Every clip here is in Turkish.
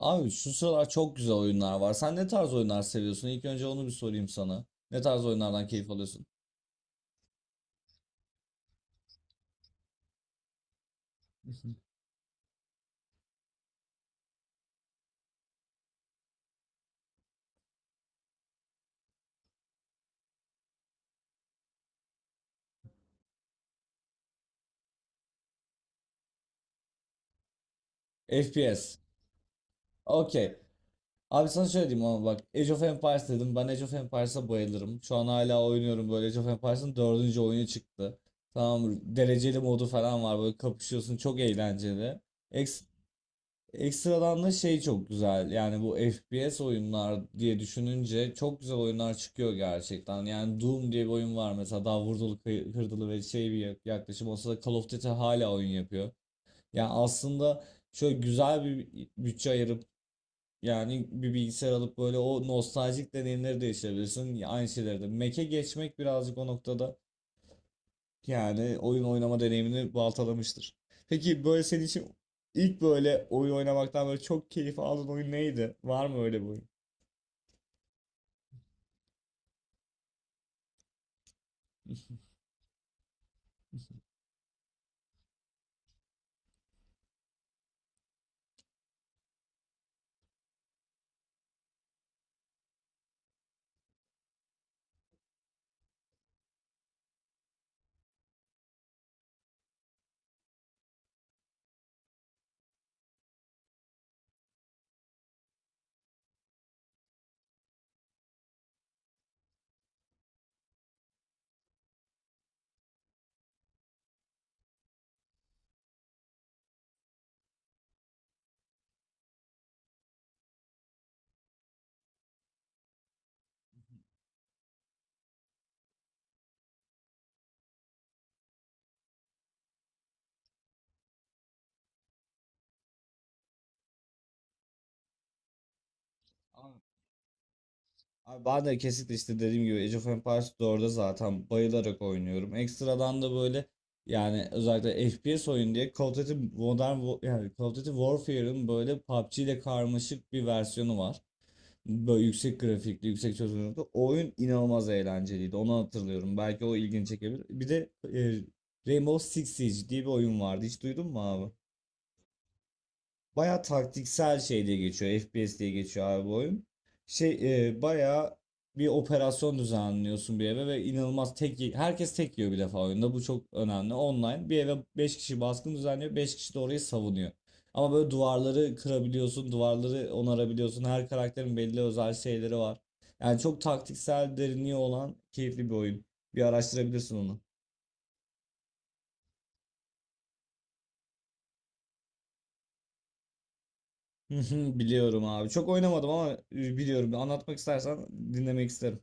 Abi şu sıralar çok güzel oyunlar var. Sen ne tarz oyunlar seviyorsun? İlk önce onu bir sorayım sana. Ne tarz oyunlardan keyif alıyorsun? FPS. Okey. Abi sana şöyle diyeyim ama bak Age of Empires dedim. Ben Age of Empires'a bayılırım. Şu an hala oynuyorum böyle Age of Empires'ın dördüncü oyunu çıktı. Tamam, dereceli modu falan var, böyle kapışıyorsun, çok eğlenceli. Ekstradan da şey çok güzel. Yani bu FPS oyunlar diye düşününce çok güzel oyunlar çıkıyor gerçekten. Yani Doom diye bir oyun var mesela, daha vurdulu kırdılı ve şey bir yaklaşım olsa da Call of Duty hala oyun yapıyor. Yani aslında şöyle güzel bir bütçe ayırıp, yani bir bilgisayar alıp, böyle o nostaljik deneyimleri de yaşayabilirsin. Aynı şeyleri de. Mac'e geçmek birazcık o noktada yani oyun oynama deneyimini baltalamıştır. Peki böyle senin için ilk böyle oyun oynamaktan böyle çok keyif aldığın oyun neydi? Var mı öyle bir oyun? Abi, Abi, ben de kesinlikle işte dediğim gibi Age of Empires 4'e zaten bayılarak oynuyorum. Ekstradan da böyle yani özellikle FPS oyun diye Call of Duty yani Call of Duty Warfare'ın böyle PUBG ile karmaşık bir versiyonu var. Böyle yüksek grafikli, yüksek çözünürlüklü. O oyun inanılmaz eğlenceliydi. Onu hatırlıyorum. Belki o ilgini çekebilir. Bir de Rainbow Six Siege diye bir oyun vardı. Hiç duydun mu abi? Baya taktiksel şey diye geçiyor. FPS diye geçiyor abi bu oyun. Baya bir operasyon düzenliyorsun bir eve ve inanılmaz herkes tek yiyor bir defa oyunda. Bu çok önemli. Online bir eve 5 kişi baskın düzenliyor. Beş kişi de orayı savunuyor. Ama böyle duvarları kırabiliyorsun, duvarları onarabiliyorsun. Her karakterin belli özel şeyleri var. Yani çok taktiksel derinliği olan keyifli bir oyun. Bir araştırabilirsin onu. Biliyorum abi. Çok oynamadım ama biliyorum. Anlatmak istersen dinlemek isterim.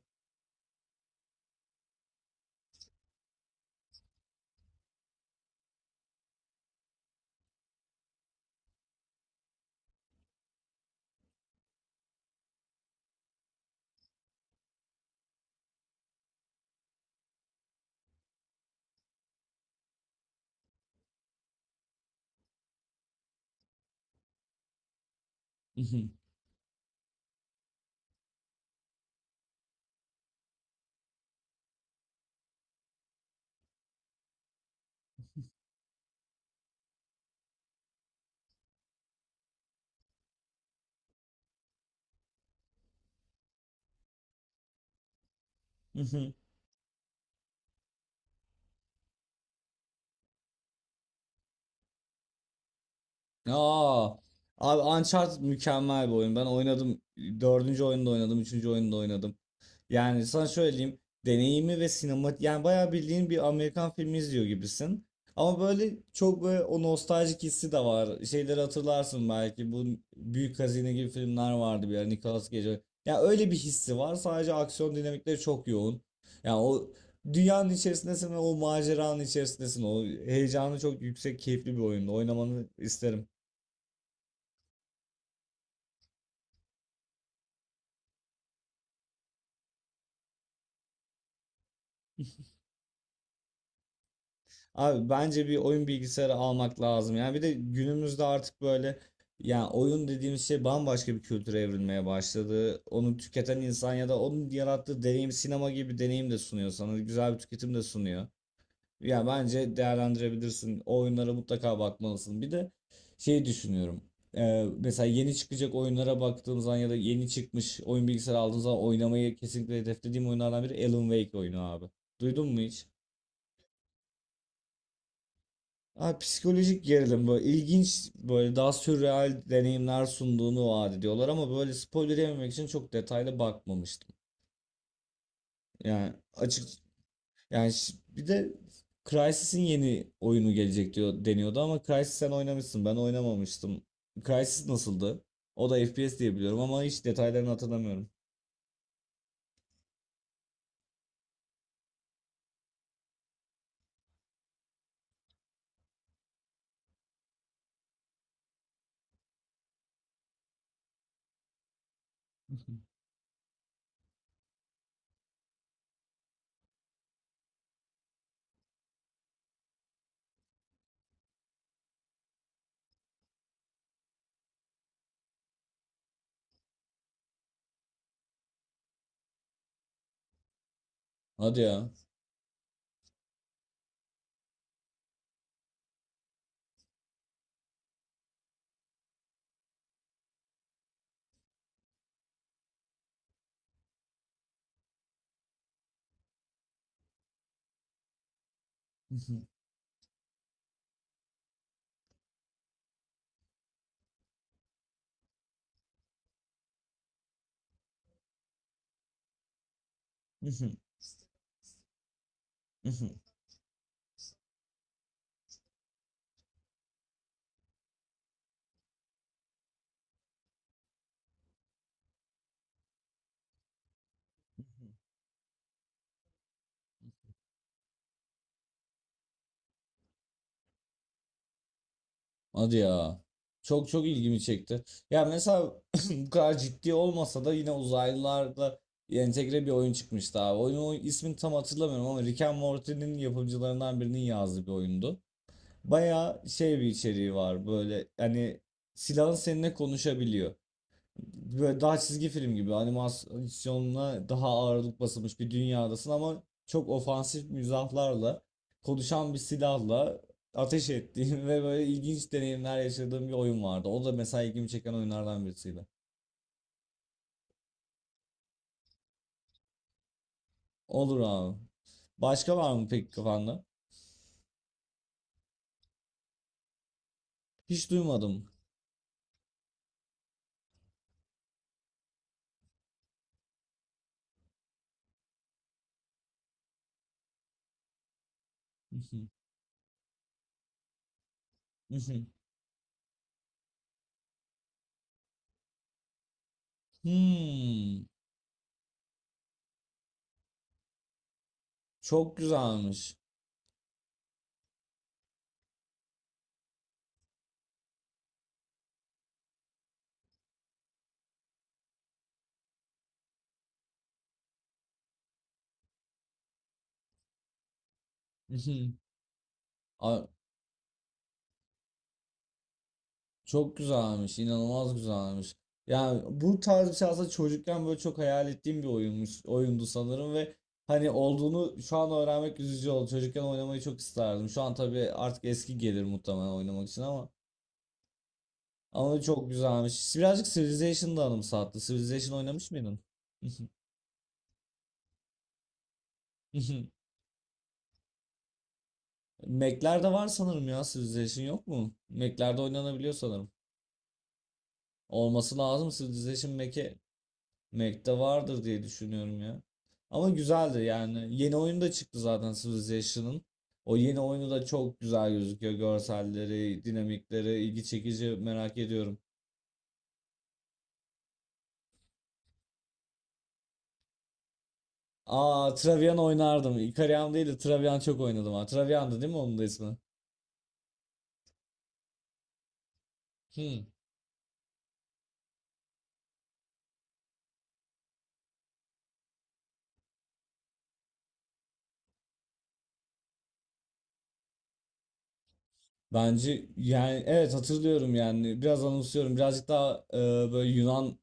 Hı hı. Aa, abi Uncharted mükemmel bir oyun. Ben oynadım. Dördüncü oyunda oynadım. Üçüncü oyunda oynadım. Yani sana söyleyeyim, deneyimi ve sinema, yani bayağı bildiğin bir Amerikan filmi izliyor gibisin. Ama böyle çok böyle o nostaljik hissi de var. Şeyleri hatırlarsın belki. Bu Büyük Hazine gibi filmler vardı bir ara, Nicolas Cage. Ya, yani öyle bir hissi var. Sadece aksiyon dinamikleri çok yoğun. Yani o dünyanın içerisindesin ve o maceranın içerisindesin. O heyecanı çok yüksek, keyifli bir oyunda. Oynamanı isterim. Abi bence bir oyun bilgisayarı almak lazım. Yani bir de günümüzde artık böyle, yani oyun dediğimiz şey bambaşka bir kültüre evrilmeye başladı. Onu tüketen insan ya da onun yarattığı deneyim sinema gibi bir deneyim de sunuyor sana. Güzel bir tüketim de sunuyor. Yani bence değerlendirebilirsin. O oyunlara mutlaka bakmalısın. Bir de şey düşünüyorum. Mesela yeni çıkacak oyunlara baktığım zaman ya da yeni çıkmış oyun bilgisayarı aldığım zaman oynamayı kesinlikle hedeflediğim oyunlardan biri Alan Wake oyunu abi. Duydun mu hiç? Abi psikolojik gerilim, böyle ilginç, böyle daha sürreal deneyimler sunduğunu vaat ediyorlar ama böyle spoiler yememek için çok detaylı bakmamıştım. Yani açık, yani bir de Crysis'in yeni oyunu gelecek diyor, deniyordu, ama Crysis sen oynamışsın, ben oynamamıştım. Crysis nasıldı? O da FPS diye biliyorum ama hiç detaylarını hatırlamıyorum. Hadi ya. Hadi ya. Çok çok ilgimi çekti. Ya mesela bu kadar ciddi olmasa da yine uzaylılarla entegre bir oyun çıkmıştı abi. Oyunun ismini tam hatırlamıyorum ama Rick and Morty'nin yapımcılarından birinin yazdığı bir oyundu. Baya şey bir içeriği var, böyle hani silahın seninle konuşabiliyor, böyle daha çizgi film gibi animasyonla daha ağırlık basılmış bir dünyadasın ama çok ofansif mizahlarla konuşan bir silahla ateş ettiğim ve böyle ilginç deneyimler yaşadığım bir oyun vardı. O da mesela ilgimi çeken oyunlardan birisiydi. Olur abi. Başka var mı peki kafanda? Hiç duymadım. Hmm, çok güzelmiş. A- Çok güzelmiş, inanılmaz güzelmiş. Yani bu tarz bir şey aslında çocukken böyle çok hayal ettiğim bir oyunmuş, oyundu sanırım ve hani olduğunu şu an öğrenmek üzücü oldu. Çocukken oynamayı çok isterdim. Şu an tabii artık eski gelir muhtemelen oynamak için ama çok güzelmiş. Birazcık Civilization'da anımsattı. Civilization oynamış mıydın? Mac'lerde var sanırım ya, Civilization yok mu? Mac'lerde oynanabiliyor sanırım. Olması lazım Civilization Mac'e. Mac'te vardır diye düşünüyorum ya. Ama güzeldi yani. Yeni oyun da çıktı zaten Civilization'ın. O yeni oyunu da çok güzel gözüküyor. Görselleri, dinamikleri ilgi çekici, merak ediyorum. Aa, Travian oynardım. Ikariam değil de Travian çok oynadım. Ha. Travian'dı değil mi onun da ismi? Hmm. Bence, yani evet, hatırlıyorum yani. Biraz anımsıyorum. Birazcık daha böyle Yunan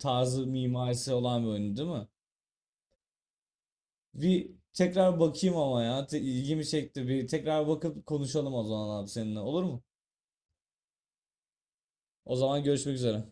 tarzı mimarisi olan bir oyun değil mi? Bir tekrar bakayım ama ya. İlgimi çekti. Bir tekrar bakıp konuşalım o zaman abi seninle. Olur mu? O zaman görüşmek üzere.